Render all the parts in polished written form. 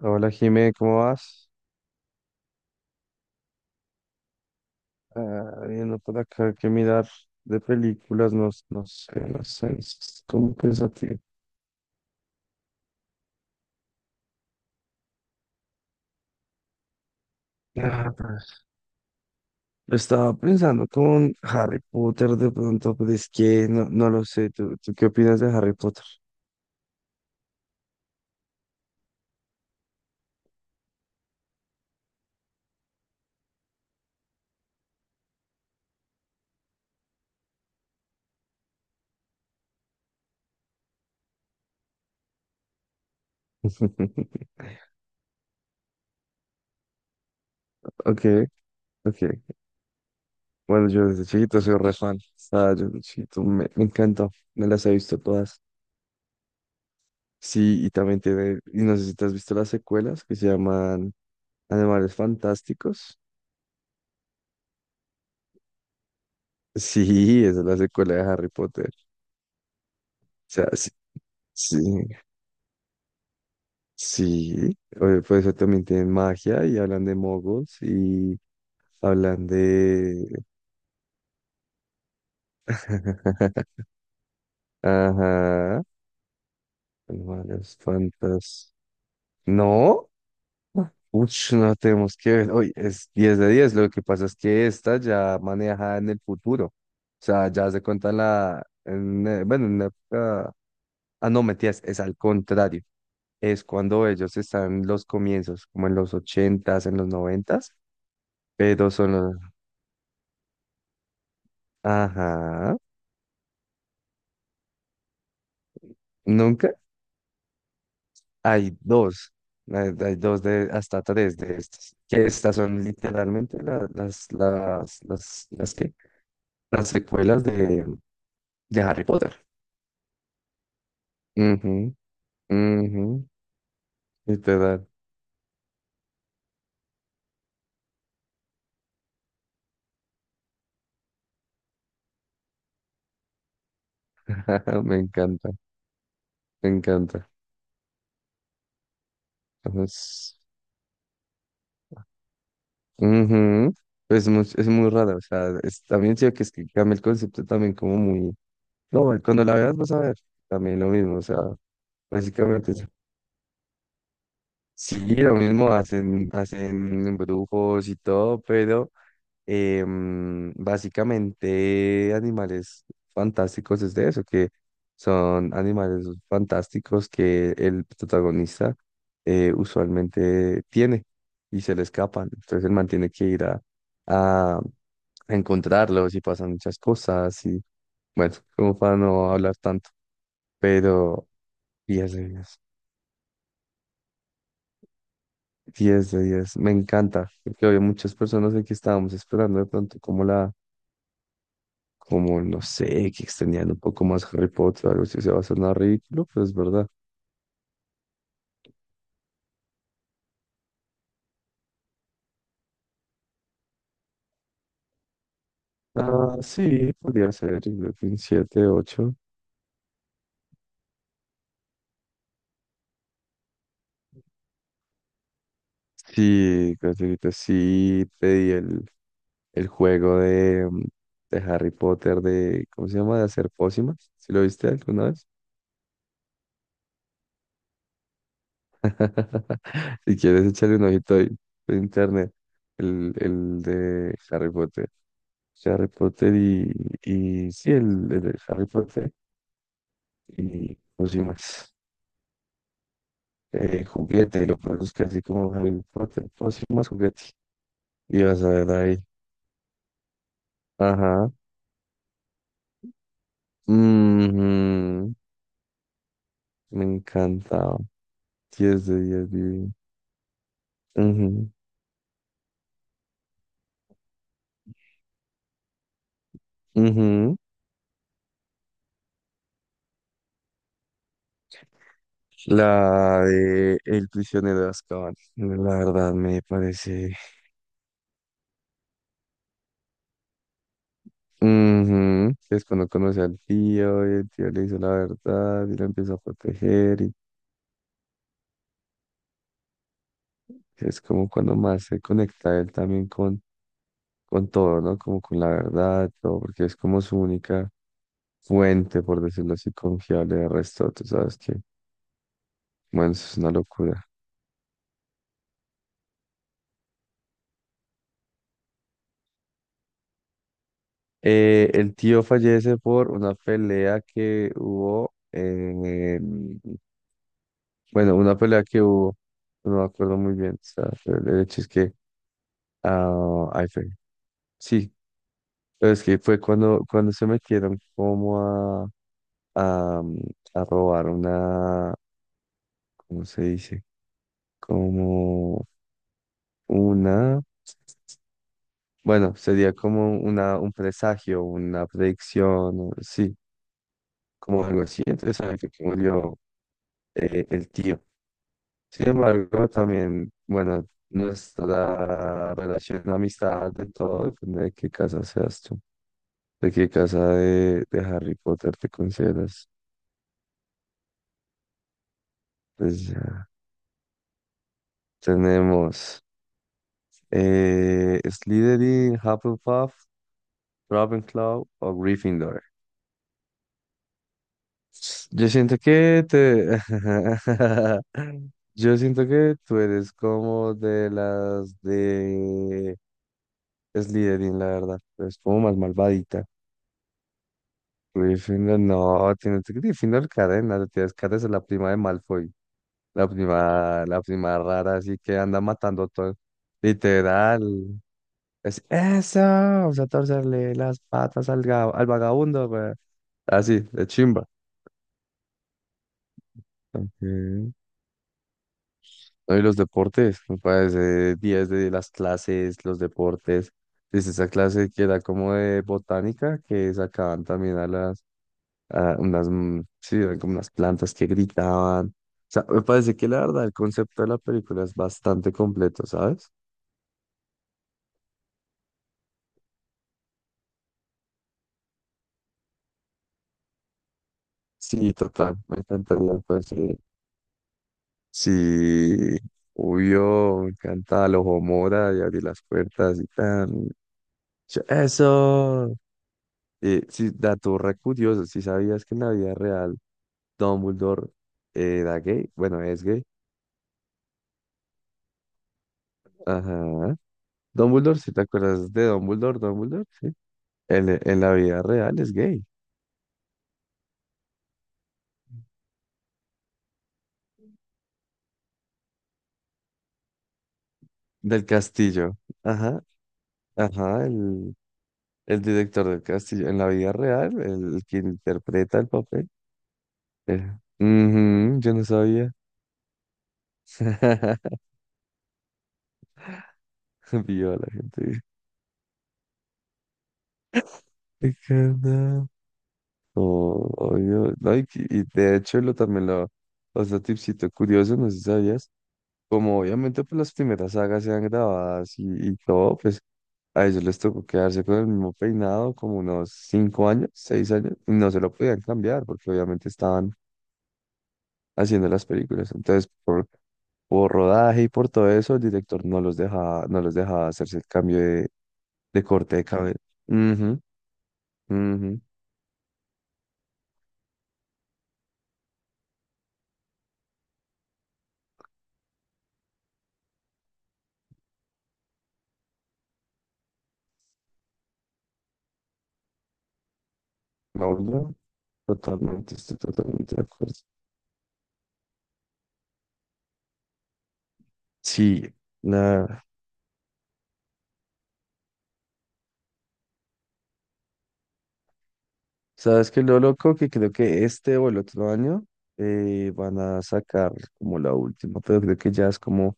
Hola Jimé, ¿cómo vas? Ah, viendo por acá que mirar de películas, no, no sé, es como pensativo. Ah, estaba pensando con Harry Potter de pronto, pero es que no, no lo sé. ¿Tú qué opinas de Harry Potter? Ok, ok. Bueno, yo desde chiquito soy re fan. Ah, yo desde chiquito me encantó, me las he visto todas. Sí, y también tiene, y no sé si te has visto las secuelas que se llaman Animales Fantásticos. Sí, esa es la secuela de Harry Potter. O sea, sí, sí, sí. Oye, pues eso también tienen magia y hablan de moguls y hablan de... Ajá, animales fantas. No, uch, no tenemos que ver. Oye, es 10 de diez. Lo que pasa es que esta ya maneja en el futuro. O sea, ya se cuenta en la, bueno, en la época. Ah, no, metías, es al contrario. Es cuando ellos están en los comienzos, como en los 80s, en los 90s, pero son los... Ajá, nunca hay dos, hay dos de hasta tres de estas, que estas son literalmente la- las, ¿qué? Las secuelas de Harry Potter. Ujú, ujú, literal. Me encanta, me encanta. Entonces, ujú, es muy raro, o sea, también siento que es que cambia el concepto también como muy. No, güey, cuando la veas vas a ver, también lo mismo, o sea, básicamente sí, lo mismo hacen embrujos y todo, pero básicamente animales fantásticos es de eso, que son animales fantásticos que el protagonista usualmente tiene y se le escapan, entonces el man tiene que ir a encontrarlos y pasan muchas cosas y bueno, como para no hablar tanto, pero... 10 de diez. 10 de 10. Me encanta, porque había muchas personas de que estábamos esperando de pronto como como no sé, que extendían un poco más Harry Potter, algo así se va a sonar ridículo, pero es verdad. Ah, sí, podría ser, yo creo que un 7, 8. Sí, ahorita sí pedí el juego de Harry Potter ¿cómo se llama? De hacer pócimas. ¿Si lo viste alguna vez? Si quieres echarle un ojito ahí por internet. El de Harry Potter. Sea, Harry Potter y sí, el de Harry Potter y pócimas, juguete, lo produzcas así como Harry Potter, pócimas, juguete, y vas a ver ahí, ajá, ujú, me encantaba, 10 de 10, divino, ujú, ujú. La de El prisionero de Azkaban, la verdad me parece, ujú, es cuando conoce al tío, y el tío le hizo la verdad, y lo empieza a proteger. Es como cuando más se conecta él también con todo, ¿no? Como con la verdad, todo, porque es como su única fuente, por decirlo así, confiable de resto. Tú sabes que, bueno, eso es una locura. El tío fallece por una pelea que hubo, bueno, una pelea que hubo, no me acuerdo muy bien, o sea, pero el hecho es que, ah, ay, fue, sí, pero es que fue cuando se metieron como a, a robar una... ¿Cómo se dice? Como una, bueno, sería como una, un presagio, una predicción, sí, como algo así. Entonces, sabe que murió el tío. Sin embargo, también, bueno, nuestra relación de amistad, de todo, depende de qué casa seas tú, de qué casa de Harry Potter te consideras. Pues ya tenemos Slytherin, Hufflepuff, Ravenclaw o Gryffindor. Yo siento que te... Yo siento que tú eres como de las de Slytherin, la verdad. Es como más malvadita. Gryffindor, no, tienes que Gryffindor cadena, te tienes que es la prima de Malfoy. La prima rara, así que anda matando todo. Literal. Es eso, vamos a torcerle las patas al vagabundo, güey. Así, de chimba. Ok. No, y los deportes, me parece días de las clases, los deportes. Desde esa clase que era como de botánica, que sacaban también a las, a unas, sí, eran como unas plantas que gritaban. O sea, me parece que la verdad, el concepto de la película es bastante completo, ¿sabes? Sí, total, me encantaría, pues, sí. Sí, obvio, me encanta el ojo mora y abrir las puertas y tan. Eso. Sí, dato re curioso, si sabías que en la vida real Dumbledore era gay, bueno, es gay. Ajá. Dumbledore, si te acuerdas de Dumbledore, Dumbledore, sí. En la vida real es gay. Del castillo. Ajá, ajá, el director del castillo. En la vida real, el que interpreta el papel. Ujú, yo no sabía. Vio a la gente. "Ay, carnal". Oh, obvio. No, y de hecho lo también lo, otro tipcito curioso, no sé si sabías como obviamente pues las primeras sagas se han grabadas y todo, pues a ellos les tocó quedarse con el mismo peinado como unos 5 años, 6 años, y no se lo podían cambiar porque obviamente estaban haciendo las películas. Entonces, por rodaje y por todo eso, el director no los dejaba, no los dejaba hacerse el cambio de corte de cabello. Ujú, ujú. No, no, totalmente, estoy totalmente de acuerdo. Sí, la, ¿sabes qué es lo loco? Que creo que este o el otro año van a sacar como la última, pero creo que ya es como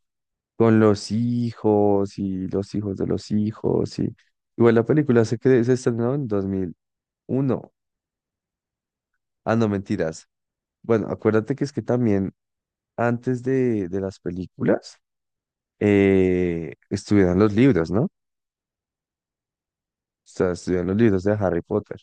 con los hijos y los hijos de los hijos y... Igual la película se estrenó en 2001. Ah, no, mentiras. Bueno, acuérdate que es que también antes de las películas estuvieron los libros, ¿no? O sea, estuvieron los libros de Harry Potter.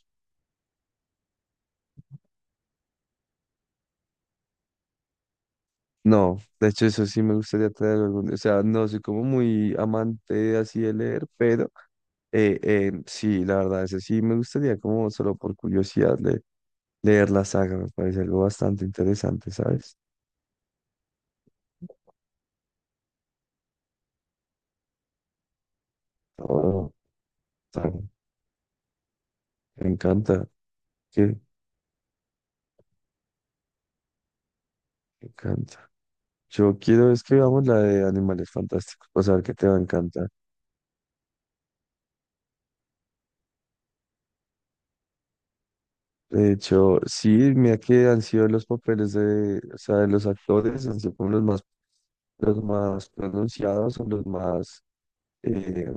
No, de hecho eso sí me gustaría traer algún, o sea, no soy como muy amante así de leer, pero sí, la verdad, ese sí me gustaría como solo por curiosidad leer la saga, me parece algo bastante interesante, ¿sabes? Oh, ta- me encanta, que me encanta. Yo quiero es que veamos la de Animales Fantásticos, para saber que te va a encantar. De hecho, sí, mira que han sido los papeles de, o sea, de los actores, han sido como los más pronunciados, o los más eh,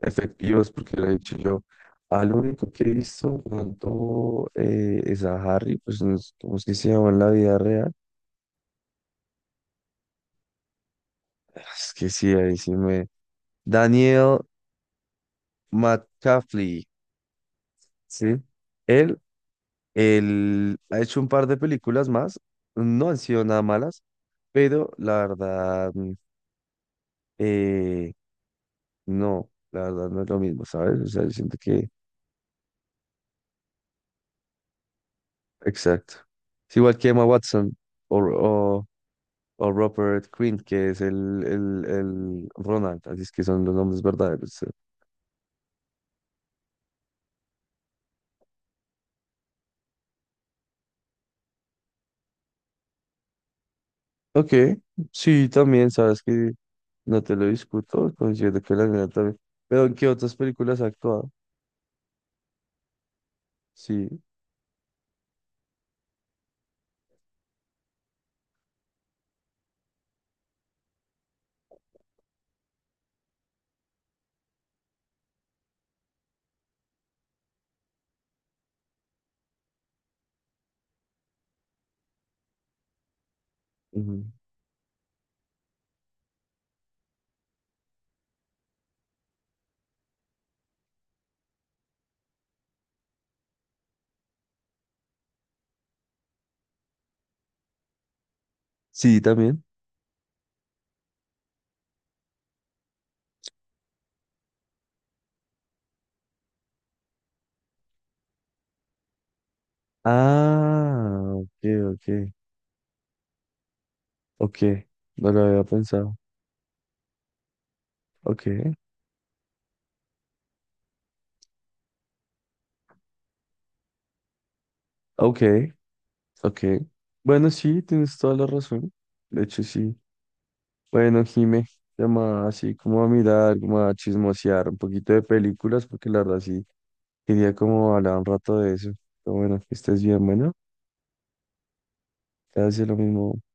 efectivas, porque lo he dicho yo. Al único que he visto tanto es a Harry, pues no sé cómo es que se llama en la vida real. Es que sí, ahí sí me. Daniel McCaffrey, ¿sí? Él, él ha hecho un par de películas más, no han sido nada malas, pero la verdad, eh, no, la verdad no es lo mismo, ¿sabes? O sea, yo siento que. Exacto. Es igual que Emma Watson, o, o o Robert Quinn, que es el Ronald, así es que son los nombres verdaderos. Ok, sí, también, sabes que no te lo discuto, considero que la nena también. Pero ¿en qué otras películas ha actuado? Sí, ujú. Sí, también. Ah, ok, ok. Ok, no lo había pensado. Ok, ok, ok. Bueno, sí, tienes toda la razón. De hecho, sí. Bueno, Jime, llamaba así como a mirar, como a chismosear un poquito de películas, porque la verdad sí, quería como hablar un rato de eso. Pero bueno, que estés bien, bueno, te hace lo mismo.